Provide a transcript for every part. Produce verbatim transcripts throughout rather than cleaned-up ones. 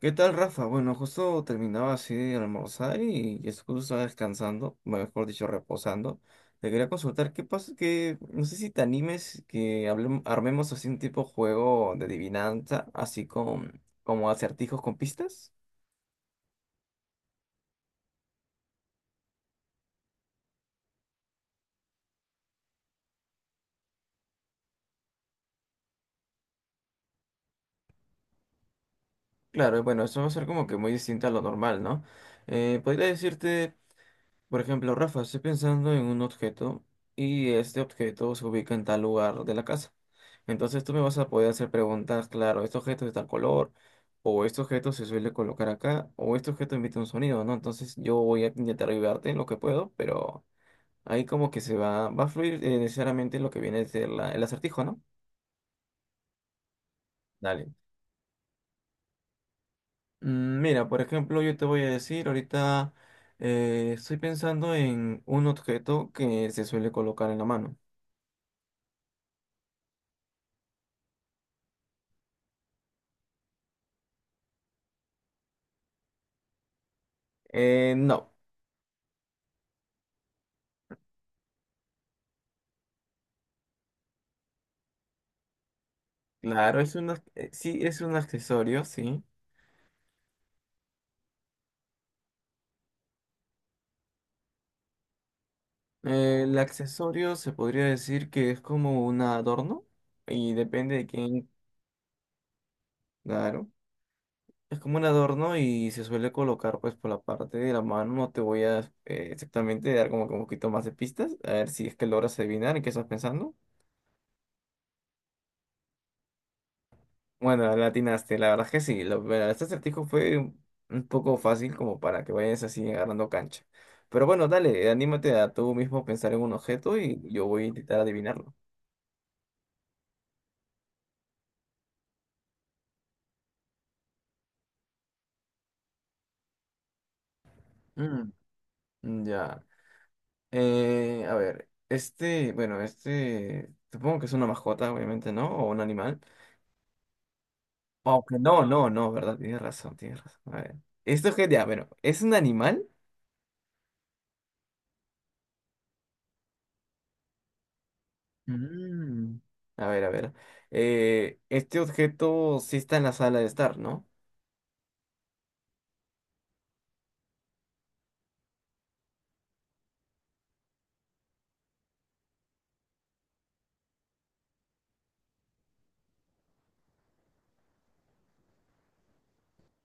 ¿Qué tal, Rafa? Bueno, justo terminaba así de almorzar y y es justo estaba descansando, mejor dicho, reposando. Te quería consultar qué pasa, que no sé si te animes que hablem- armemos así un tipo juego de adivinanza, así con como acertijos con pistas. Claro, bueno, eso va a ser como que muy distinto a lo normal, ¿no? Eh, podría decirte. Por ejemplo, Rafa, estoy pensando en un objeto y este objeto se ubica en tal lugar de la casa. Entonces tú me vas a poder hacer preguntas, claro, este objeto es de tal color, o este objeto se suele colocar acá, o este objeto emite un sonido, ¿no? Entonces yo voy a intentar ayudarte en lo que puedo, pero ahí como que se va, va a fluir eh, necesariamente lo que viene a ser la- el acertijo, ¿no? Dale. Mm, mira, por ejemplo, yo te voy a decir ahorita, eh, estoy pensando en un objeto que se suele colocar en la mano. Eh, no. Claro, es un, ac- eh, sí, es un accesorio, sí. Eh, el accesorio se podría decir que es como un adorno y depende de quién, claro. Es como un adorno y se suele colocar pues por la parte de la mano. No te voy a eh, exactamente dar como que un poquito más de pistas. A ver si es que logras adivinar en qué estás pensando. Bueno, la atinaste, la verdad es que sí. Lo- bueno, este acertijo fue un un poco fácil como para que vayas así agarrando cancha. Pero bueno, dale, anímate a tú mismo pensar en un objeto y yo voy a intentar adivinarlo. Mm, mm, ya. Eh, a ver, este, bueno, este, supongo que es una mascota, obviamente, ¿no? O un animal. Aunque no, no, no, ¿verdad? Tienes razón, tienes razón. A ver. Esto es que, ya, bueno, ¿es un animal? Mm, a ver, a ver. Eh, este objeto sí está en la sala de estar, ¿no?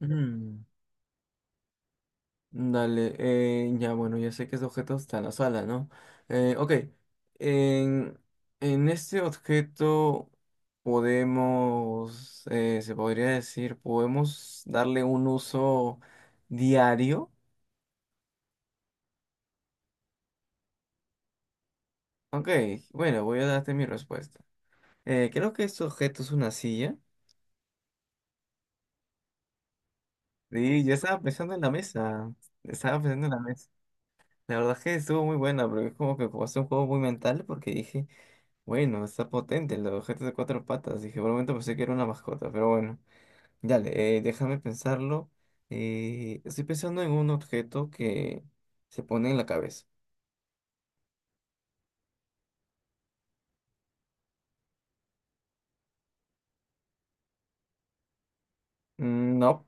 Mm. Dale, eh, ya bueno, ya sé que ese objeto está en la sala, ¿no? Eh, ok, en, en este objeto podemos, eh, se podría decir, podemos darle un uso diario. Ok, bueno, voy a darte mi respuesta. Eh, creo que este objeto es una silla. Sí, yo estaba pensando en la mesa. Estaba pensando en la mesa. La verdad es que estuvo muy buena, pero es como que como un juego muy mental porque dije, bueno, está potente el objeto de cuatro patas. Dije, por un momento pensé que era una mascota, pero bueno, dale, eh, déjame pensarlo. Eh, estoy pensando en un objeto que se pone en la cabeza. Mm, no.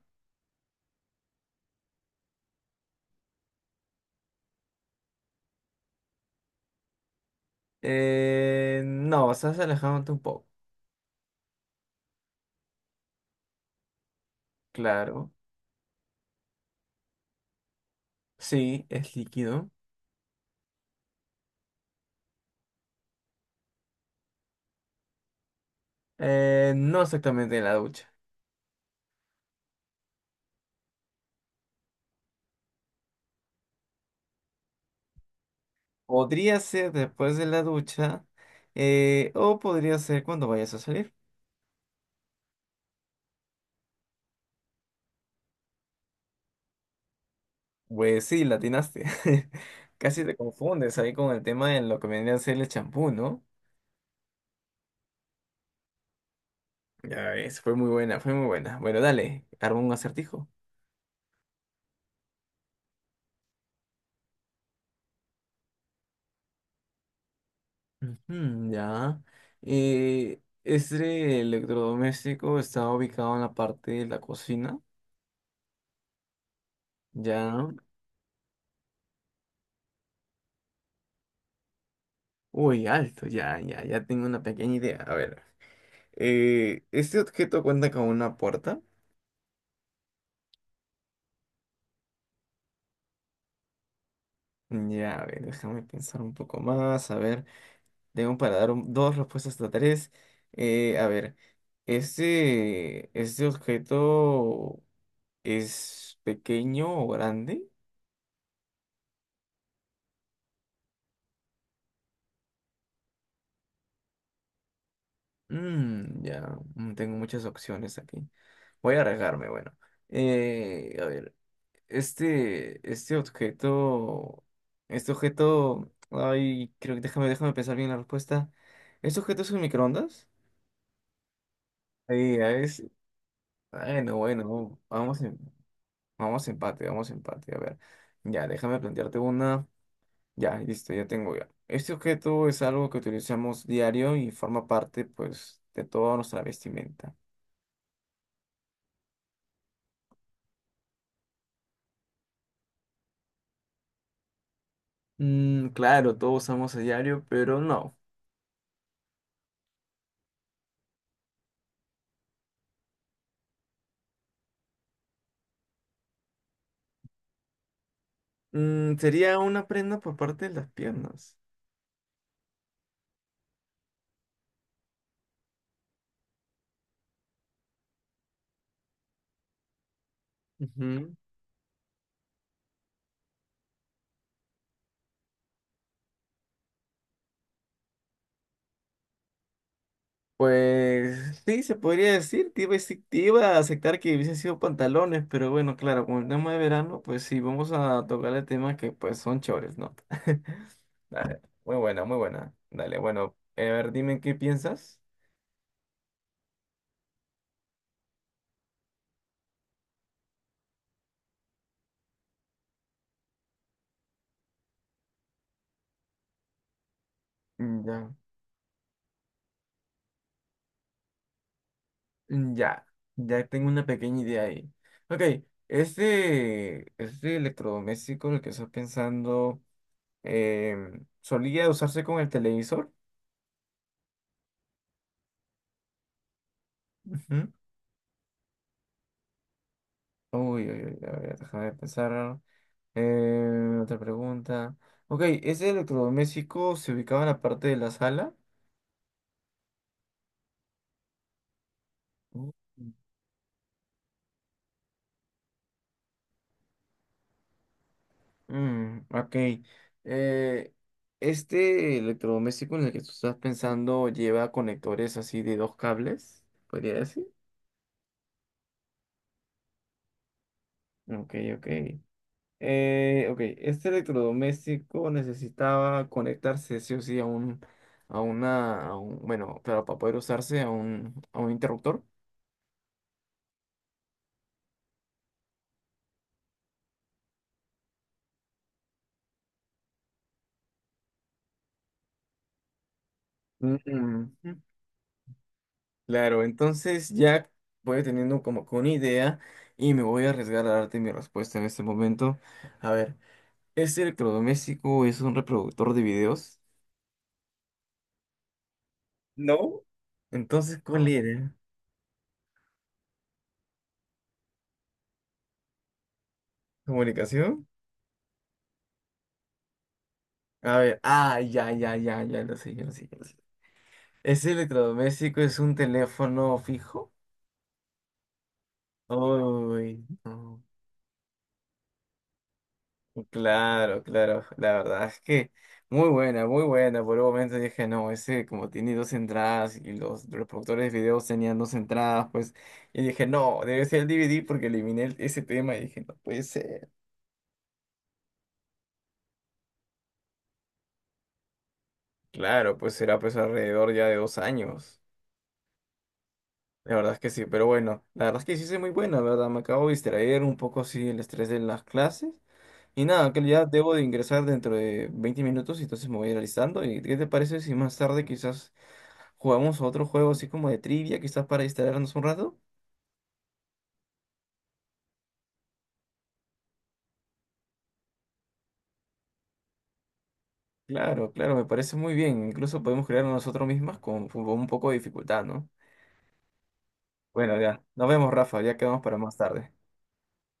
Eh, no, estás alejándote un poco. Claro, sí, es líquido. Eh, no exactamente en la ducha. Podría ser después de la ducha, eh, o podría ser cuando vayas a salir. Pues sí, la atinaste. Casi te confundes ahí con el tema de lo que vendría a ser el champú, ¿no? Ya ves, fue muy buena, fue muy buena. Bueno, dale, arma un acertijo. Ujú, ya. Eh, este electrodoméstico está ubicado en la parte de la cocina. Ya. Uy, alto, ya, ya, ya tengo una pequeña idea. A ver. Eh, ¿este objeto cuenta con una puerta? Ya, a ver, déjame pensar un poco más, a ver. Tengo para dar un- dos respuestas hasta tres. Eh, a ver, ¿este, este objeto es pequeño o grande? Mm, ya, mm, tengo muchas opciones aquí. Voy a arriesgarme, bueno. Eh, a ver, este, este objeto, este objeto, ay, creo que déjame, déjame pensar bien la respuesta. ¿Este objeto es un microondas? Ahí, ahí es, bueno, bueno, vamos. Vamos empate, vamos empate. A ver. Ya, déjame plantearte una. Ya, listo, ya tengo ya. Este objeto es algo que utilizamos diario y forma parte, pues, de toda nuestra vestimenta. Mm, claro, todos usamos a diario, pero no. Mm, sería una prenda por parte de las piernas. Pues sí, se podría decir, te iba, a decir- te iba a aceptar que hubiesen sido pantalones, pero bueno, claro, con el tema de verano, pues sí, vamos a tocarle temas que pues son chores, ¿no? Dale, muy buena, muy buena. Dale, bueno, eh, a ver, dime qué piensas. Mm, ya. Mm, ya, ya tengo una pequeña idea ahí. Ok, este, este electrodoméstico en el que estás pensando, em, solía usarse con el televisor. Ujú. Uy, uy, uy, a ver, déjame pensar. Eh, otra pregunta. Ok, ¿ese electrodoméstico se ubicaba en la parte de la sala? Mm. Mm, ok. Eh, este electrodoméstico en el que tú estás pensando lleva conectores así de dos cables, podría decir. Ok, ok. Eh, ok, este electrodoméstico necesitaba conectarse sí o sí a un, a una, a un- bueno, claro, para poder usarse a un, a un interruptor. Mm, mm. Claro, entonces ya voy teniendo como que una idea y me voy a arriesgar a darte mi respuesta en este momento. A ver, ¿ese electrodoméstico es un reproductor de videos? No, entonces, ¿cuál era? ¿Comunicación? A ver, ah, ya, ya, ya, ya lo sé, ya lo sé, ya lo sé. ¿Ese electrodoméstico es un teléfono fijo? Uy, no. Claro, claro, la verdad es que muy buena, muy buena. Por un momento dije, no, ese como tiene dos entradas y los, los productores de videos tenían dos entradas, pues, y dije, no, debe ser el D V D porque eliminé el- ese tema y dije, no puede ser. Claro, pues será pues alrededor ya de dos años. La verdad es que sí, pero bueno, la verdad es que sí es muy buena, ¿verdad? Me acabo de distraer un poco así el estrés de las clases. Y nada, que ya debo de ingresar dentro de veinte minutos, y entonces me voy a ir alistando. ¿Y qué te parece si más tarde quizás jugamos a otro juego así como de trivia, quizás para distraernos un rato? Claro, claro, me parece muy bien. Incluso podemos crearlo nosotros mismos con, con un poco de dificultad, ¿no? Bueno, ya, nos vemos, Rafa, ya quedamos para más tarde.